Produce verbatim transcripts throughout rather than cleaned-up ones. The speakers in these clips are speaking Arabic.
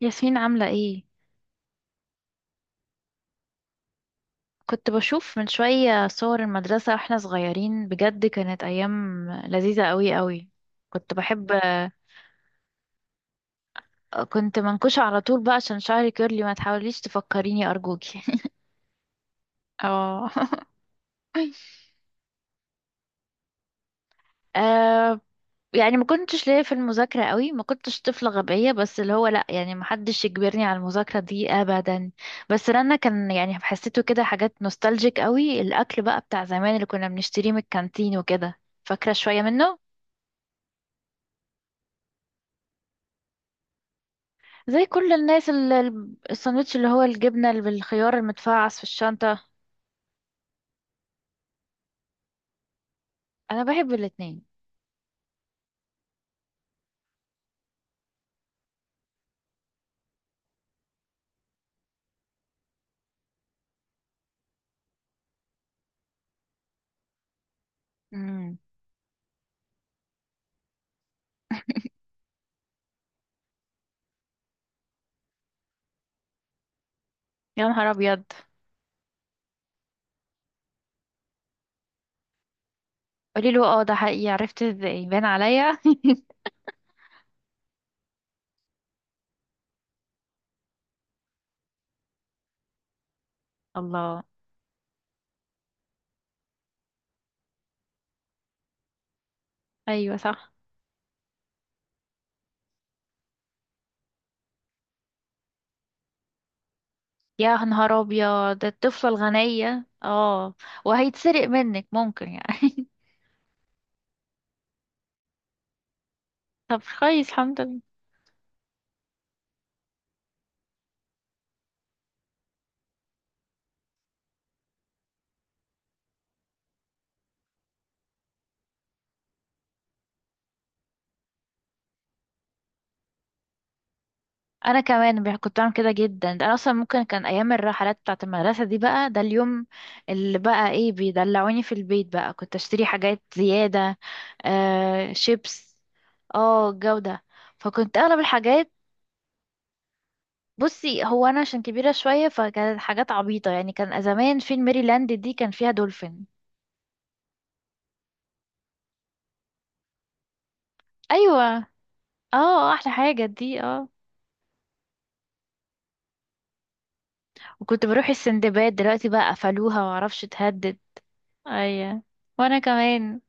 ياسمين عاملة ايه؟ كنت بشوف من شوية صور المدرسة واحنا صغيرين، بجد كانت أيام لذيذة قوي قوي. كنت بحب. كنت منكوشة على طول بقى عشان شعري كيرلي، ما تحاوليش تفكريني أرجوكي. اه. آه، يعني ما كنتش ليا في المذاكرة قوي، ما كنتش طفلة غبية، بس اللي هو لا يعني ما حدش يجبرني على المذاكرة دي أبدا. بس رنا كان يعني حسيته كده حاجات نوستالجيك قوي. الأكل بقى بتاع زمان اللي كنا بنشتريه من الكانتين وكده، فاكرة شوية منه. زي كل الناس ال- ال- الساندوتش اللي هو الجبنة اللي بالخيار المتفعص في الشنطة. أنا بحب الاتنين. مم. يا نهار أبيض. قولي له اه ده حقيقي، عرفت ازاي؟ بان عليا. الله. أيوة صح. يا نهار أبيض الطفلة الغنية اه. وهيتسرق منك ممكن يعني. طب كويس الحمد لله. انا كمان بح- كنت بعمل كده جدا. ده انا اصلا ممكن كان ايام الرحلات بتاعه المدرسه دي بقى ده اليوم اللي بقى ايه، بيدلعوني في البيت بقى كنت اشتري حاجات زياده. آه شيبس. اه جوده. فكنت اغلب الحاجات. بصي، هو انا عشان كبيره شويه فكانت حاجات عبيطه يعني. كان زمان فيلم ميريلاند دي كان فيها دولفين. ايوه. اه احلى حاجه دي اه. وكنت بروح السندباد، دلوقتي بقى قفلوها معرفش اتهدد. ايوه وانا كمان.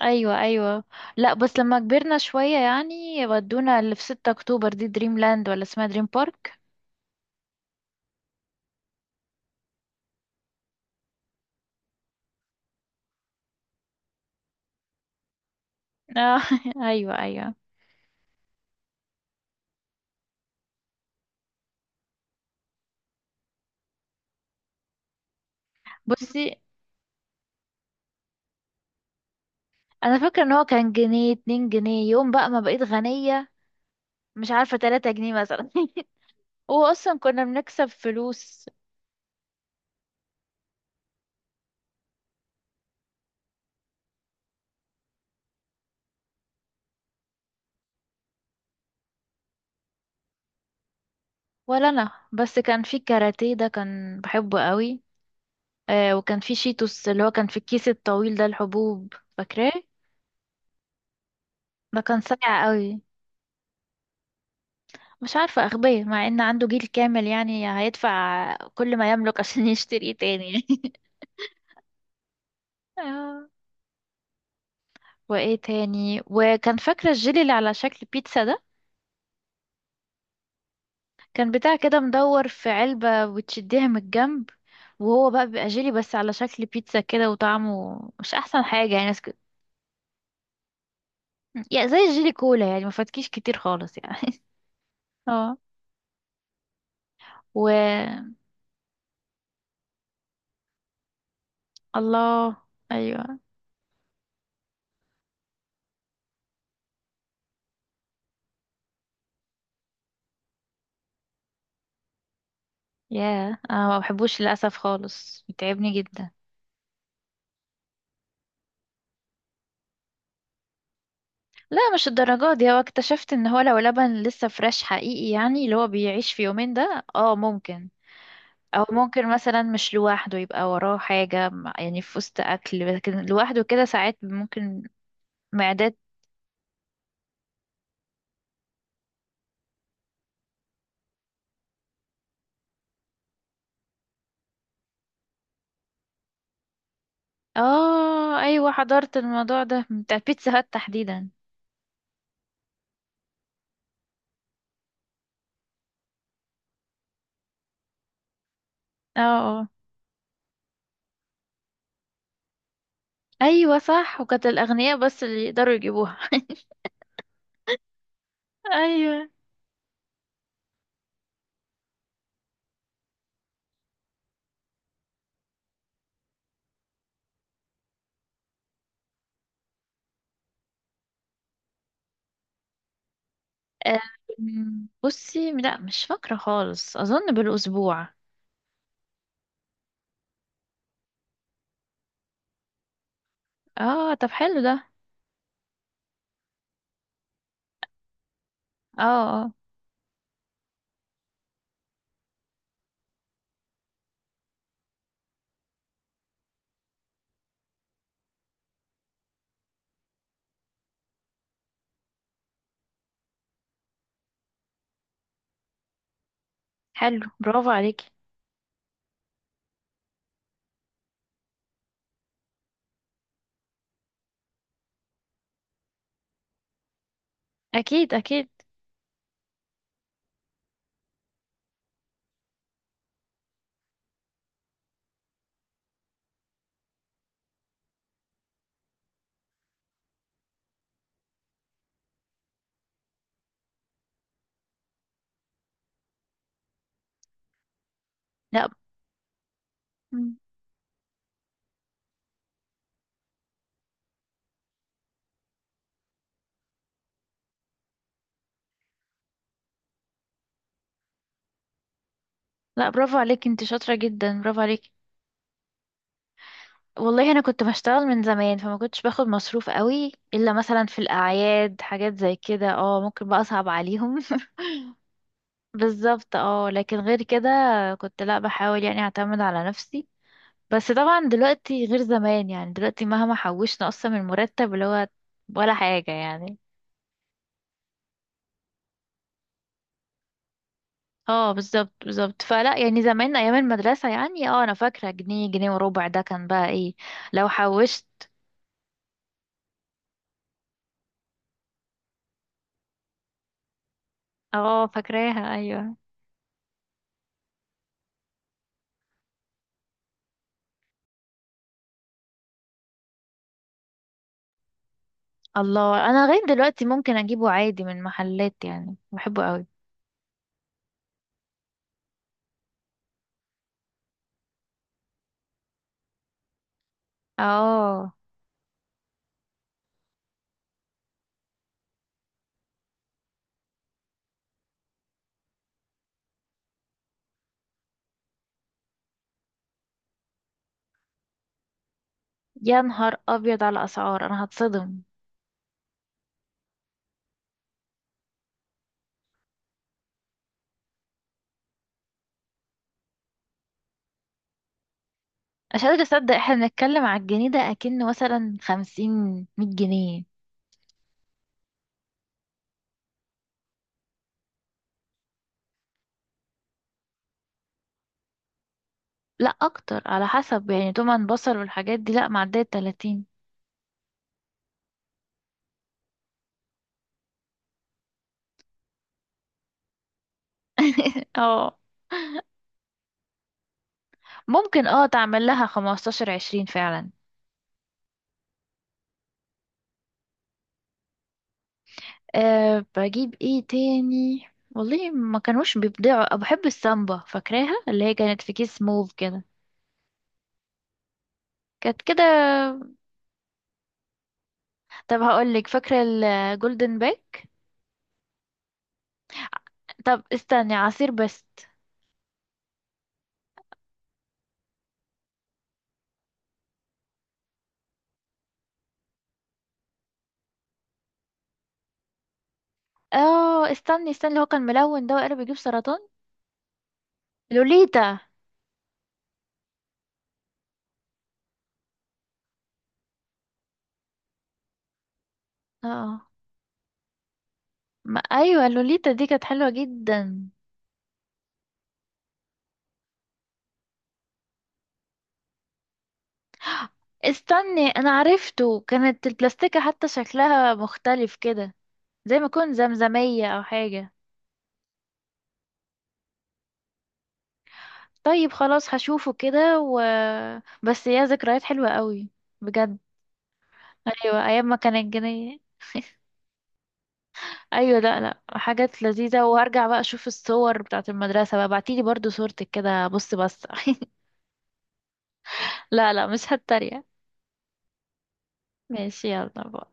ايوه ايوه. لا بس لما كبرنا شوية يعني ودونا اللي في 6 اكتوبر دي دريم لاند ولا اسمها دريم بارك. آه. ايوه ايوه. بصي، انا فاكرة ان هو كان جنيه، اتنين جنيه يوم بقى ما بقيت غنية. مش عارفة، تلاتة جنيه مثلا. هو اصلا كنا بنكسب فلوس. ولا انا، بس كان في كاراتيه ده كان بحبه قوي. آه وكان في شيتوس اللي هو كان في الكيس الطويل ده الحبوب، فاكراه؟ ده كان ساقع قوي. مش عارفة أغبية، مع إن عنده جيل كامل يعني هيدفع كل ما يملك عشان يشتري إيه تاني. آه. وإيه تاني؟ وكان فاكرة الجيلي اللي على شكل بيتزا ده؟ كان بتاع كده مدور في علبة وتشديها من الجنب، وهو بقى بيبقى جيلي بس على شكل بيتزا كده وطعمه مش أحسن حاجة يعني. ناس ك... يعني زي الجيلي كولا يعني، ما فاتكيش كتير خالص يعني. اه. و الله. أيوه. ياه أنا ما بحبوش للأسف خالص، بيتعبني جدا. لا مش الدرجات دي. هو اكتشفت ان هو لو لبن لسه فريش حقيقي يعني اللي هو بيعيش في يومين ده اه ممكن. او ممكن مثلا مش لوحده، يبقى وراه حاجة مع- يعني في وسط اكل، لكن لوحده كده ساعات ممكن معدات. اه ايوه حضرت الموضوع ده بتاع بيتزا هات تحديدا. اه. اه ايوه صح، وكانت الاغنياء بس اللي يقدروا يجيبوها. ايوه. أم، بصي، لا مش فاكرة خالص، اظن بالاسبوع. اه طب حلو ده. اه. اه حلو برافو عليكي. اكيد اكيد. لا. مم. لا برافو عليك، انت شاطره جدا، برافو عليك. والله انا كنت بشتغل من زمان، فما كنتش باخد مصروف قوي الا مثلا في الاعياد، حاجات زي كده اه ممكن بقى اصعب عليهم. بالظبط اه. لكن غير كده كنت لا بحاول يعني اعتمد على نفسي. بس طبعا دلوقتي غير زمان يعني، دلوقتي مهما حوشنا اصلا من مرتب اللي هو ولا حاجه يعني. اه بالظبط بالظبط. فلا يعني زمان ايام المدرسه يعني اه انا فاكره جنيه، جنيه وربع ده كان بقى ايه لو حوشت؟ اه فاكراها ايوه. الله انا لغايه دلوقتي ممكن اجيبه عادي من محلات يعني، بحبه قوي. اه. يا نهار ابيض على اسعار، انا هتصدم. مش قادره اصدق احنا بنتكلم على الجنيه ده اكنه مثلا خمسين، مية جنيه. لا اكتر، على حسب يعني طبعا بصل والحاجات دي لا، معديه التلاتين. اه ممكن اه تعمل لها خمستاشر، عشرين فعلا. أه بجيب ايه تاني؟ والله ما كانوش بيبدعوا. أه، بحب السامبا فاكراها، اللي هي كانت في كيس موف كده. كانت كده. طب هقولك، فاكرة الجولدن باك؟ طب استني عصير بست. اه استني استني اللي هو كان ملون ده، وقالب يجيب سرطان. لوليتا. اه ما ايوه لوليتا دي كانت حلوة جدا. استني انا عرفته، كانت البلاستيكة حتى شكلها مختلف كده، زي ما يكون زمزمية او حاجة. طيب خلاص هشوفه كده و بس يا ذكريات حلوة قوي بجد. ايوه ايام ما كان الجنيه. ايوه لا لا، حاجات لذيذه. وهرجع بقى اشوف الصور بتاعت المدرسه بقى، بعتيلي برضو صورتك كده بص بس. لا لا مش هتريق. ماشي يلا بقى.